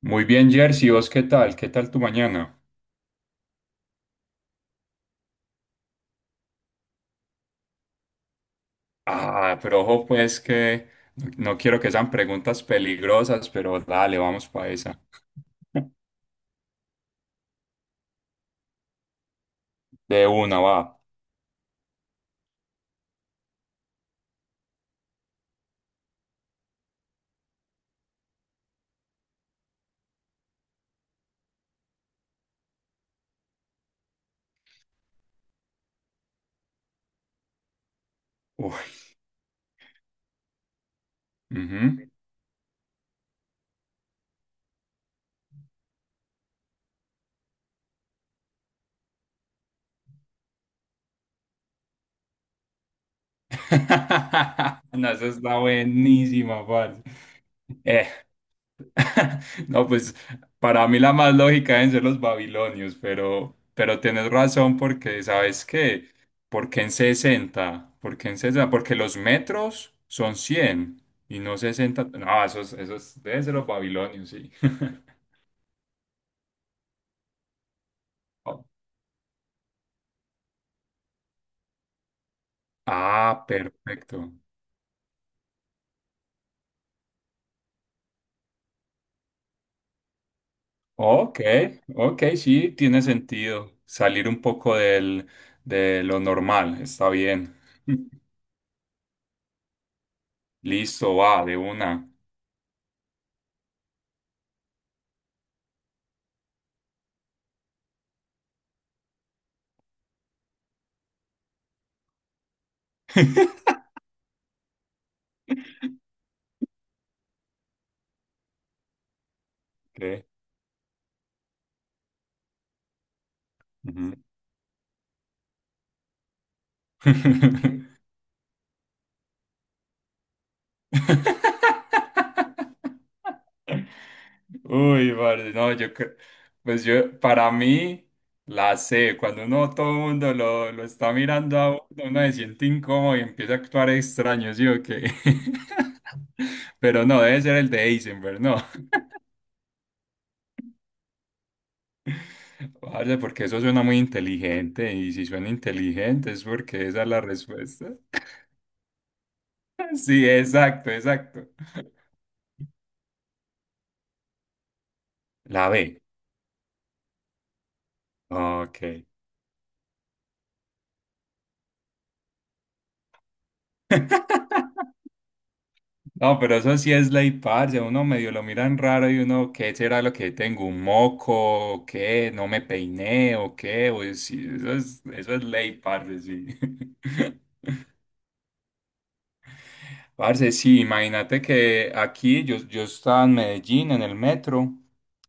Muy bien, Jersey, ¿vos qué tal? ¿Qué tal tu mañana? Ah, pero ojo pues que no quiero que sean preguntas peligrosas, pero dale, vamos para esa. De una, va. Uy, ujú. No, esa está buenísima, parce. Eh, No, pues para mí la más lógica deben ser los babilonios, pero tienes razón porque, ¿sabes qué? Porque los metros son 100 y no sesenta. No, esos deben ser los babilonios, sí. Oh, ah, perfecto. Ok, ok, sí, tiene sentido. Salir un poco de lo normal, está bien. Listo, va, de una. Ok. Ujú. Uy, vale, no, yo creo, para mí la sé, cuando uno, todo el mundo lo está mirando a uno, uno se siente incómodo y empieza a actuar extraño, ¿sí o qué? Pero no, debe ser el de Heisenberg, no, vale, porque eso suena muy inteligente y si suena inteligente es porque esa es la respuesta. Sí, exacto, exacto. La B, ok. No, pero eso sí es ley, parce. Uno medio lo miran raro y uno, ¿qué será lo que tengo? ¿Un moco? ¿O qué? ¿No me peiné? ¿O qué? O sí, eso es ley, parce, sí. Parce, sí, imagínate que aquí yo estaba en Medellín en el metro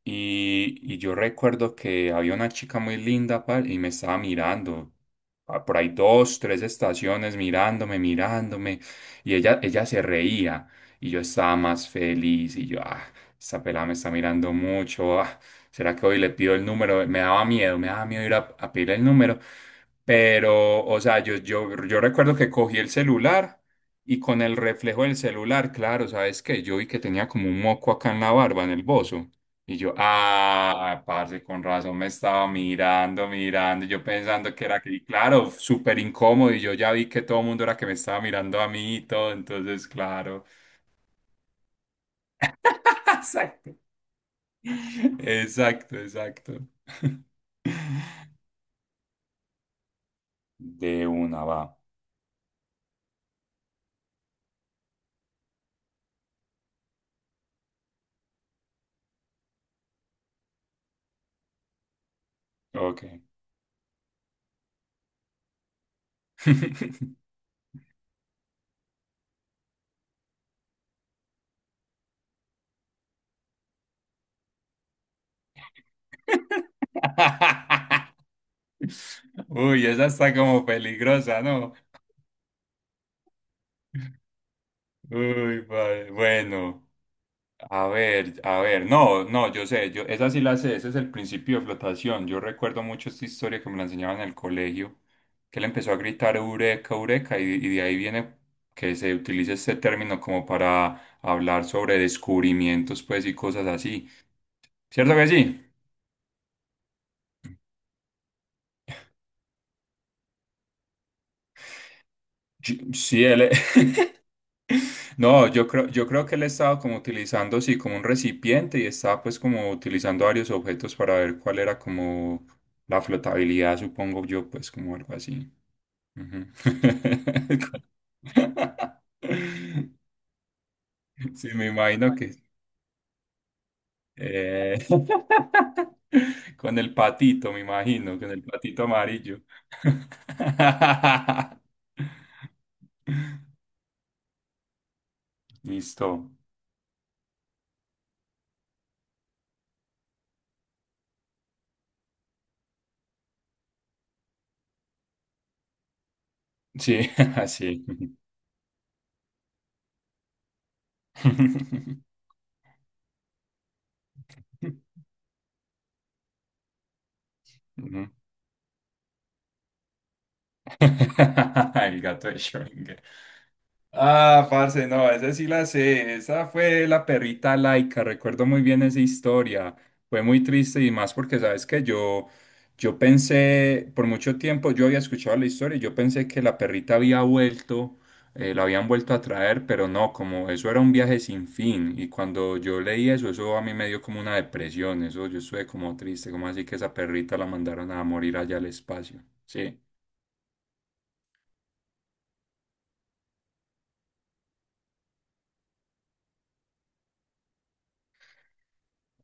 y yo recuerdo que había una chica muy linda par, y me estaba mirando. Por ahí dos, tres estaciones mirándome y ella se reía y yo estaba más feliz y yo, ah, esta pelada me está mirando mucho. Ah, ¿será que hoy le pido el número? Me daba miedo ir a pedir el número, pero, o sea, yo recuerdo que cogí el celular. Y con el reflejo del celular, claro, ¿sabes qué? Yo vi que tenía como un moco acá en la barba, en el bozo. Y yo, ah, parce, con razón me estaba mirando, yo pensando que era que, y claro, súper incómodo, y yo ya vi que todo el mundo era que me estaba mirando a mí y todo, entonces, claro. Exacto. Exacto, exacto. De una va. Ok. Uy, esa está como peligrosa, ¿no? Uy, vale. Bueno, a ver, no, no, yo, esa sí la sé, ese es el principio de flotación. Yo recuerdo mucho esta historia que me la enseñaban en el colegio, que él empezó a gritar eureka, eureka, y de ahí viene que se utilice este término como para hablar sobre descubrimientos, pues, y cosas así. ¿Cierto que sí? Sí, él no, yo creo que él estaba como utilizando, sí, como un recipiente y estaba pues como utilizando varios objetos para ver cuál era como la flotabilidad, supongo yo, pues como algo así. Ujú. Sí, me imagino que... eh, con el patito, me imagino, con el patito amarillo. Listo. Sí, así. Ujú. El gato de Schrödinger. Ah, parce, no, esa sí la sé. Esa fue la perrita laica. Recuerdo muy bien esa historia. Fue muy triste y más porque, sabes que yo pensé, por mucho tiempo yo había escuchado la historia y yo pensé que la perrita había vuelto, la habían vuelto a traer, pero no, como eso era un viaje sin fin. Y cuando yo leí eso, eso a mí me dio como una depresión. Eso yo estuve como triste, como así que esa perrita la mandaron a morir allá al espacio. Sí.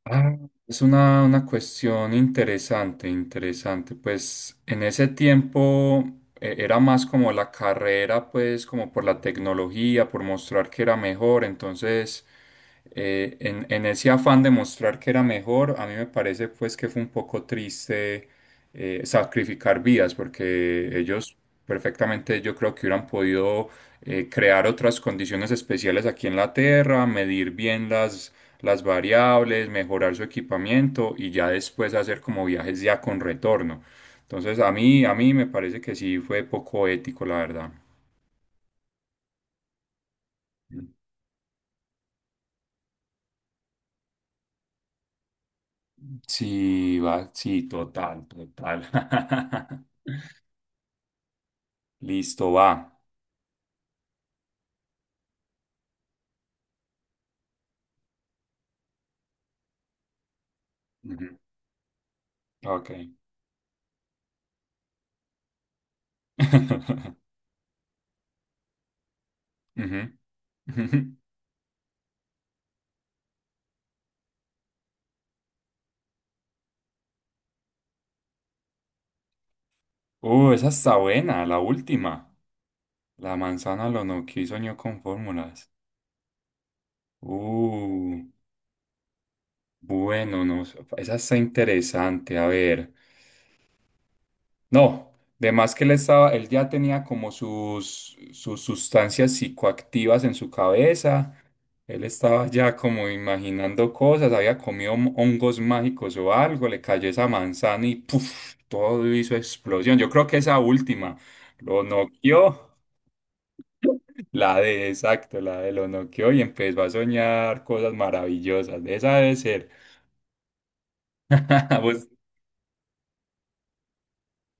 Ah, es una cuestión interesante, interesante. Pues en ese tiempo era más como la carrera, pues como por la tecnología, por mostrar que era mejor. Entonces, en ese afán de mostrar que era mejor, a mí me parece pues que fue un poco triste sacrificar vidas, porque ellos perfectamente yo creo que hubieran podido crear otras condiciones especiales aquí en la Tierra, medir bien las variables, mejorar su equipamiento y ya después hacer como viajes ya con retorno. Entonces a mí me parece que sí fue poco ético, la verdad. Sí, va, sí, total, total. Listo, va. Ujú. Ok. Ujú. Ujú. Esa está buena, la última. La manzana lo noqueó y soñó con fórmulas. Uh, bueno, no, sé, esa está interesante. A ver. No, de más que él estaba, él ya tenía como sus sustancias psicoactivas en su cabeza. Él estaba ya como imaginando cosas, había comido hongos mágicos o algo, le cayó esa manzana y ¡puf! Todo hizo explosión. Yo creo que esa última lo noqueó, la de exacto, la de lo noqueó y empezó a soñar cosas maravillosas. Esa debe ser. Pues,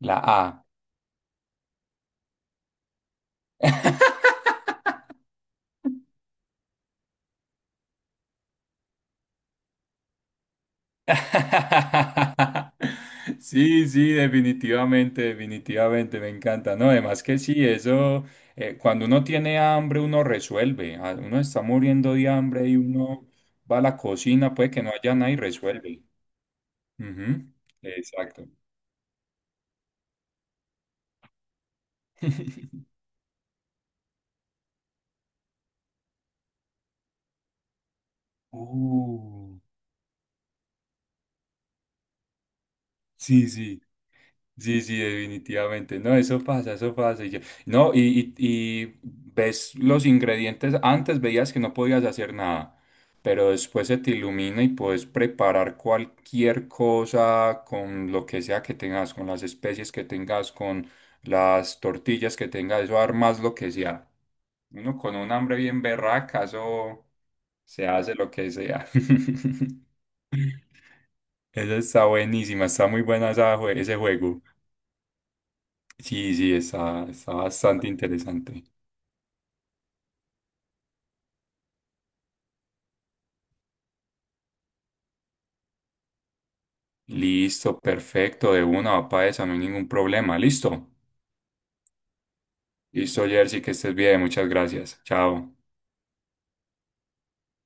la A. Sí, sí, definitivamente, definitivamente, me encanta. No, además que sí, eso, cuando uno tiene hambre, uno resuelve. Ah, uno está muriendo de hambre y uno va a la cocina, puede que no haya nada y resuelve. Ujú, exacto. Uh, sí, sí. Sí, sí, definitivamente. No, eso pasa, eso pasa. No, y ves los ingredientes. Antes veías que no podías hacer nada, pero después se te ilumina y puedes preparar cualquier cosa con lo que sea que tengas, con las especies que tengas, con las tortillas que tengas, eso armas lo que sea. Uno con un hambre bien berraca, eso se hace lo que sea. Eso está buenísima, está muy buena esa ese juego. Sí, sí, está, está bastante interesante. Listo, perfecto, de una, papá, esa, no hay ningún problema. Listo. Listo, Jersey, que estés bien, muchas gracias. Chao.